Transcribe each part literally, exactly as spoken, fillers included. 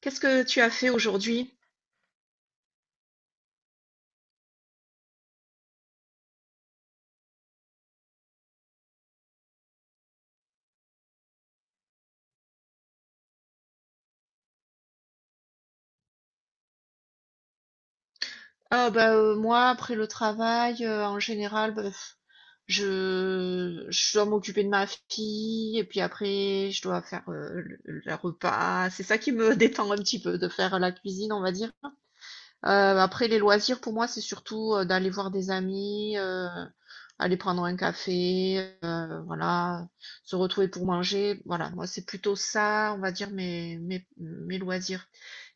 Qu'est-ce que tu as fait aujourd'hui? Ah bah euh, moi après le travail euh, en général bah, pff, je je dois m'occuper de ma fille et puis après je dois faire euh, le, le repas. C'est ça qui me détend un petit peu de faire la cuisine on va dire. Euh, après, les loisirs, pour moi, c'est surtout euh, d'aller voir des amis, euh, aller prendre un café, euh, voilà, se retrouver pour manger. Voilà, moi, c'est plutôt ça, on va dire, mes, mes, mes loisirs.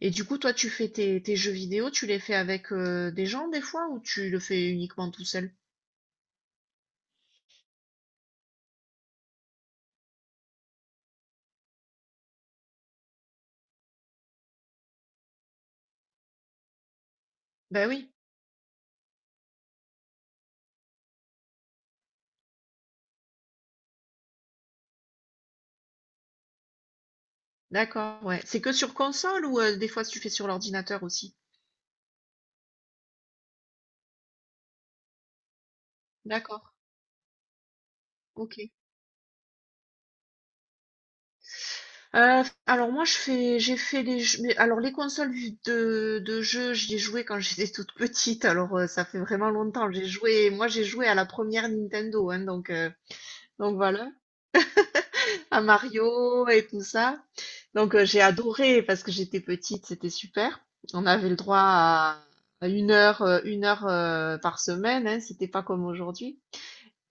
Et du coup, toi, tu fais tes, tes jeux vidéo, tu les fais avec euh, des gens des fois ou tu le fais uniquement tout seul? Ben oui, d'accord, ouais. C'est que sur console ou euh, des fois tu fais sur l'ordinateur aussi? D'accord, ok. Heu, alors moi je fais j'ai fait les jeux mais alors les consoles de de jeux, j'y ai joué quand j'étais toute petite, alors, heu, ça fait vraiment longtemps. J'ai joué Moi j'ai joué à la première Nintendo, hein, donc, heu, donc voilà, à Mario et tout ça. Donc, heu, j'ai adoré parce que j'étais petite, c'était super. On avait le droit à à 1 heure, heu, 1 heure, heu, par semaine, hein, c'était pas comme aujourd'hui.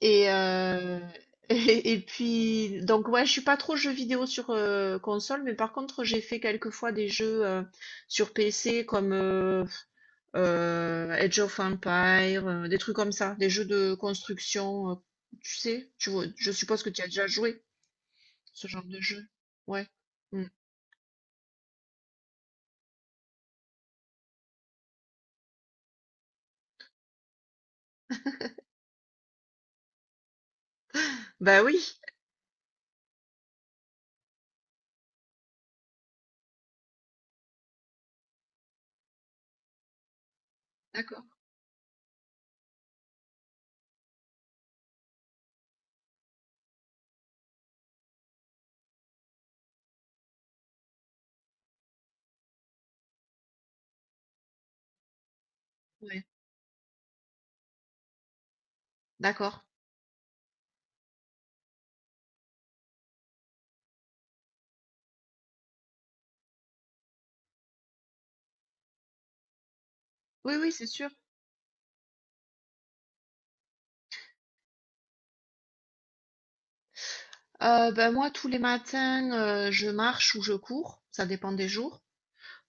Et, euh, et, et puis, donc, ouais, je suis pas trop jeux vidéo sur euh, console, mais par contre, j'ai fait quelques fois des jeux euh, sur P C comme euh, euh, Age of Empire, euh, des trucs comme ça, des jeux de construction. Euh, tu sais, tu vois, je suppose que tu as déjà joué ce genre de jeu. Ouais. Mm. Bah oui, d'accord. Ouais, d'accord. Oui, oui, c'est sûr. Euh, ben moi, tous les matins, euh, je marche ou je cours, ça dépend des jours.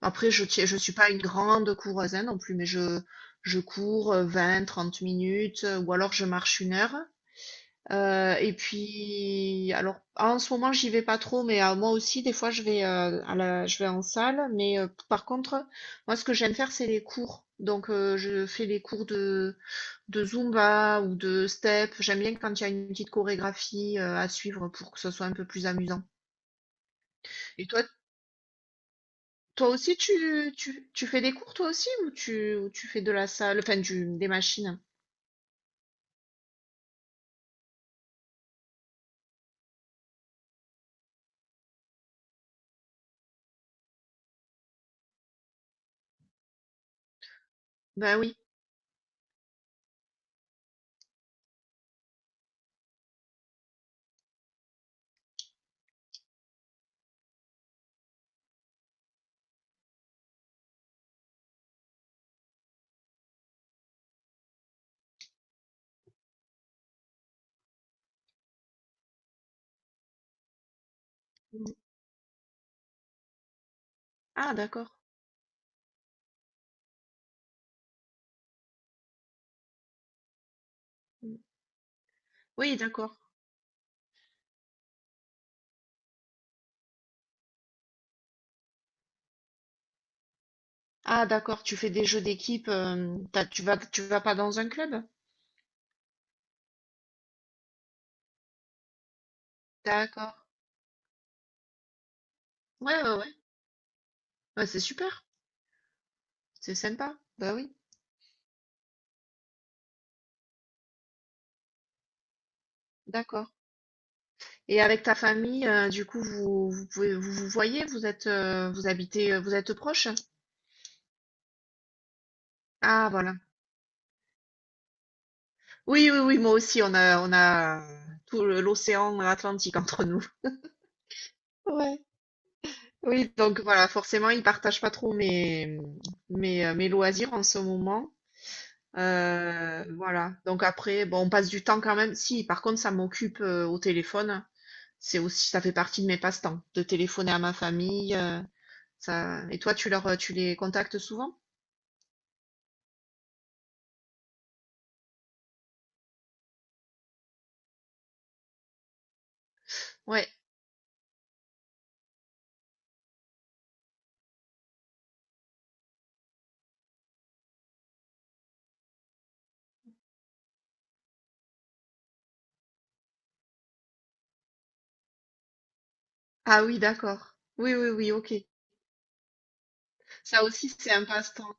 Après, je tiens- je suis pas une grande coureuse hein, non plus, mais je, je cours euh, vingt, trente minutes euh, ou alors je marche une heure. Euh, et puis, alors en ce moment, j'y vais pas trop, mais euh, moi aussi, des fois, je vais, euh, à la, je vais en salle. Mais euh, par contre, moi, ce que j'aime faire, c'est les cours. Donc, euh, je fais les cours de, de Zumba ou de step. J'aime bien quand il y a une petite chorégraphie euh, à suivre pour que ce soit un peu plus amusant. Et toi, Toi aussi, tu, tu, tu fais des cours, toi aussi, ou tu, ou tu fais de la salle, enfin, du, des machines? Bah oui. Mm. Ah, d'accord. Mm. Oui, d'accord. Ah, d'accord, tu fais des jeux d'équipe, euh, t'as- tu vas, tu vas pas dans un club? D'accord. Ouais, ouais, ouais. Ouais, c'est super. C'est sympa. Bah oui, d'accord. Et avec ta famille, euh, du coup, vous, vous pouvez, vous vous voyez, vous êtes, euh, vous habitez, euh, vous êtes proches? Ah, voilà. Oui, oui, oui, moi aussi, on a, on a tout le- l'océan Atlantique entre nous. Ouais. Oui, donc voilà, forcément, ils partagent pas trop mes, mes, euh, mes loisirs en ce moment. Euh, voilà. Donc après, bon, on passe du temps quand même. Si, par contre, ça m'occupe euh, au téléphone. C'est aussi, ça fait partie de mes passe-temps, de téléphoner à ma famille. euh, ça... Et toi, tu leur, euh, tu les contactes souvent? Ouais. Ah oui, d'accord. Oui, oui, oui, ok. Ça aussi, c'est un passe-temps.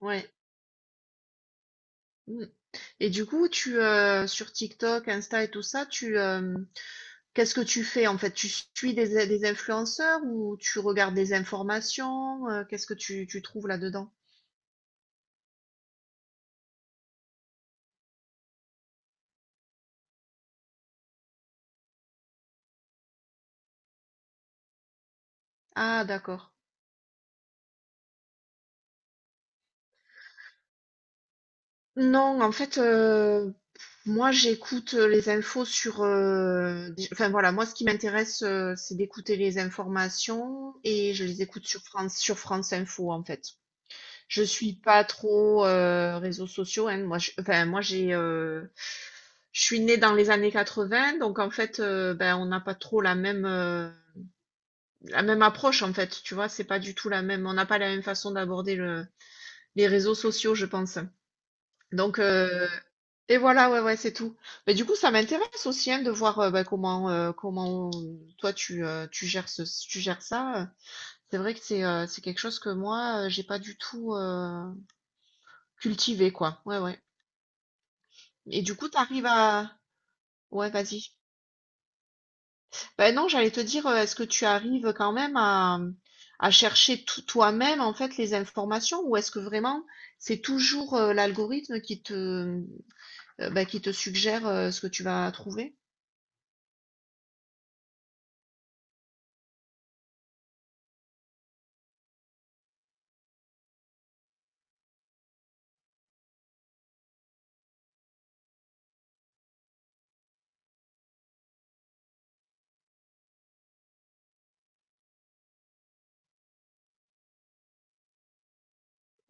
Ouais. Mm. Et du coup, tu, euh, sur TikTok, Insta et tout ça, tu, euh, qu'est-ce que tu fais en fait? Tu suis des, des influenceurs ou tu regardes des informations? Euh, Qu'est-ce que tu, tu trouves là-dedans? Ah, d'accord. Non, en fait, euh, moi j'écoute les infos sur... euh, des- enfin voilà, moi ce qui m'intéresse, euh, c'est d'écouter les informations et je les écoute sur France, sur France Info en fait. Je suis pas trop euh, réseaux sociaux, hein. Moi, je- enfin, moi j'ai... euh, je suis née dans les années quatre-vingts, donc en fait, euh, ben, on n'a pas trop la même... euh, la même approche en fait, tu vois, c'est pas du tout la même, on n'a pas la même façon d'aborder le, les réseaux sociaux, je pense. Donc, euh, et voilà, ouais, ouais, c'est tout. Mais du coup, ça m'intéresse aussi hein, de voir euh, bah, comment, euh, comment toi tu, euh, tu gères ce, tu gères ça. C'est vrai que c'est euh, c'est quelque chose que moi, euh, j'ai pas du tout euh, cultivé, quoi. Ouais, ouais. Et du coup, t'arrives à. Ouais, vas-y. Ben non, j'allais te dire, euh, est-ce que tu arrives quand même à, à chercher tout- toi-même en fait les informations ou est-ce que vraiment c'est toujours euh, l'algorithme qui te, euh, ben, qui te suggère euh, ce que tu vas trouver?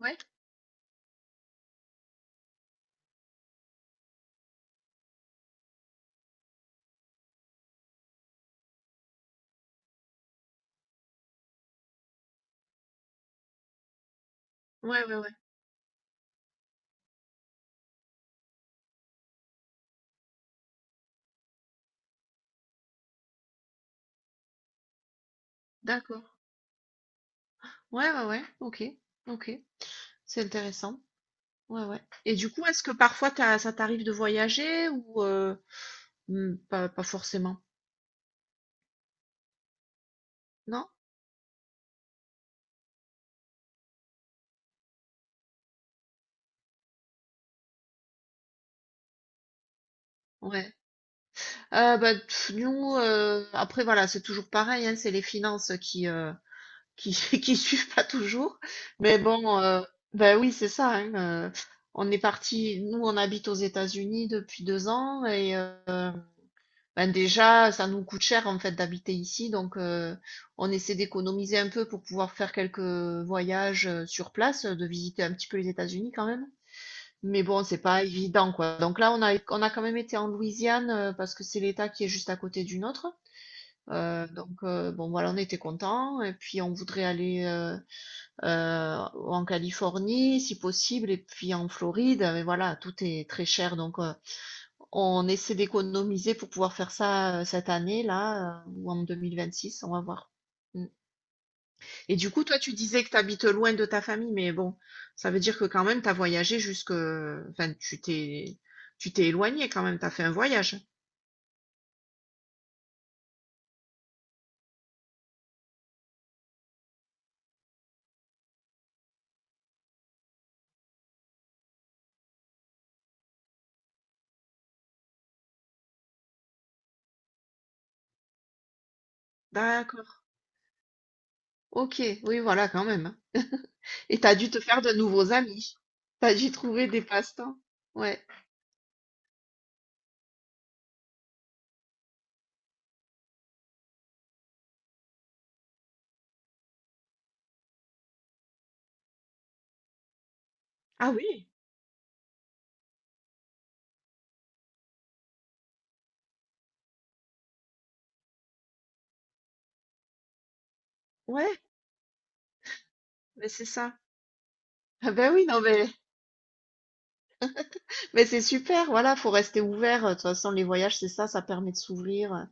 Ouais, ouais, ouais, ouais, d'accord. Ouais, ouais, ouais, ok, ok, c'est intéressant. Ouais, ouais. Et du coup, est-ce que parfois t'as- ça t'arrive de voyager ou euh, hmm, pas, pas forcément? Non? Ouais. Euh, ben, pff, nous, euh, après voilà, c'est toujours pareil, hein, c'est les finances qui, euh, qui qui suivent pas toujours. Mais bon, heu, bah, oui, c'est ça, hein, heu, on est parti nous, on habite aux États-Unis depuis deux ans et heu, bah, déjà, ça nous coûte cher, en fait, d'habiter ici donc heu, on essaie d'économiser un peu pour pouvoir faire quelques voyages, heu, sur place, euh, de visiter un petit peu les États-Unis quand même. Mais bon, c'est pas évident, quoi. Donc là, on a on a quand même été en Louisiane, heu, parce que c'est l'État qui est juste à côté du nôtre. Heu, donc heu, bon, voilà, on était contents et puis on voudrait aller, heu heu, ou en Californie si possible et puis en Floride, mais voilà, tout est très cher donc, heu, on essaie d'économiser pour pouvoir faire ça, heu, cette année-là, heu, ou en deux mille vingt-six, on va voir. Mmh et du coup, toi, tu disais que tu habites loin de ta famille, mais bon, ça veut dire que quand même tu as voyagé jusque enfin tu t'es tu t'es éloigné quand même, tu as fait un voyage? D'accord. Ok, oui, voilà, quand même. Hein. Et t'as dû te faire de nouveaux amis. T'as dû trouver des passe-temps. Ouais. Ah oui, ouais, mais c'est ça. Ah ben oui, non, mais, mais c'est super, voilà, faut rester ouvert. De toute façon, les voyages, c'est ça, ça permet de s'ouvrir,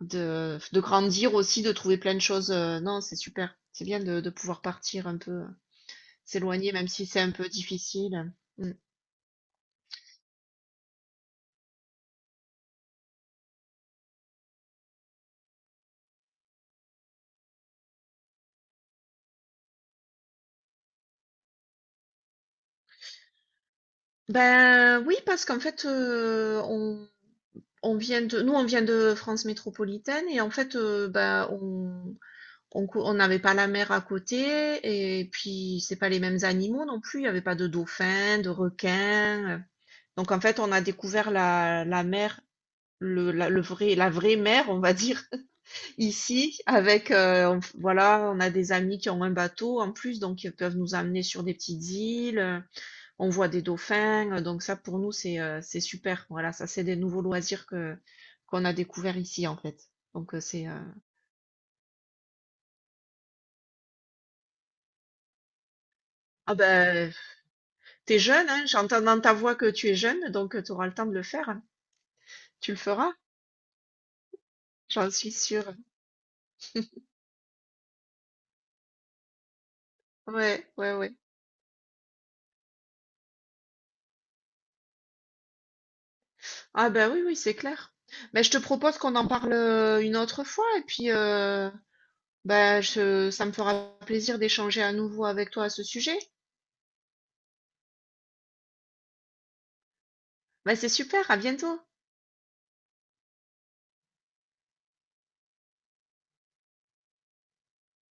de, de grandir aussi, de trouver plein de choses. euh, Non, c'est super. C'est bien de, de pouvoir partir un peu, euh, s'éloigner, même si c'est un peu difficile. Mm. Ben oui, parce qu'en fait, euh, on On vient de, nous, on vient de France métropolitaine et en fait, euh, bah, on, on, cou- on n'avait pas la mer à côté et puis c'est pas les mêmes animaux non plus. Il n'y avait pas de dauphins, de requins. Donc en fait, on a découvert la, la mer, le, la, le vrai, la vraie mer, on va dire, ici avec, euh, on- voilà, on a des amis qui ont un bateau en plus, donc ils peuvent nous amener sur des petites îles. On voit des dauphins, euh, donc ça pour nous c'est, heu, c'est super. Voilà, ça c'est des nouveaux loisirs que qu'on a découvert ici en fait. Donc, heu, c'est, heu ah ben, t'es jeune, hein, j'entends dans ta voix que tu es jeune, donc, tu auras le temps de le faire, hein. Tu le feras? J'en suis sûre. Ouais, ouais, ouais. Ah ben oui, oui, c'est clair. Mais je te propose qu'on en parle, heu, une autre fois et puis, heu, bah, je ça me fera plaisir d'échanger à nouveau avec toi à ce sujet. Ben c'est super, à bientôt.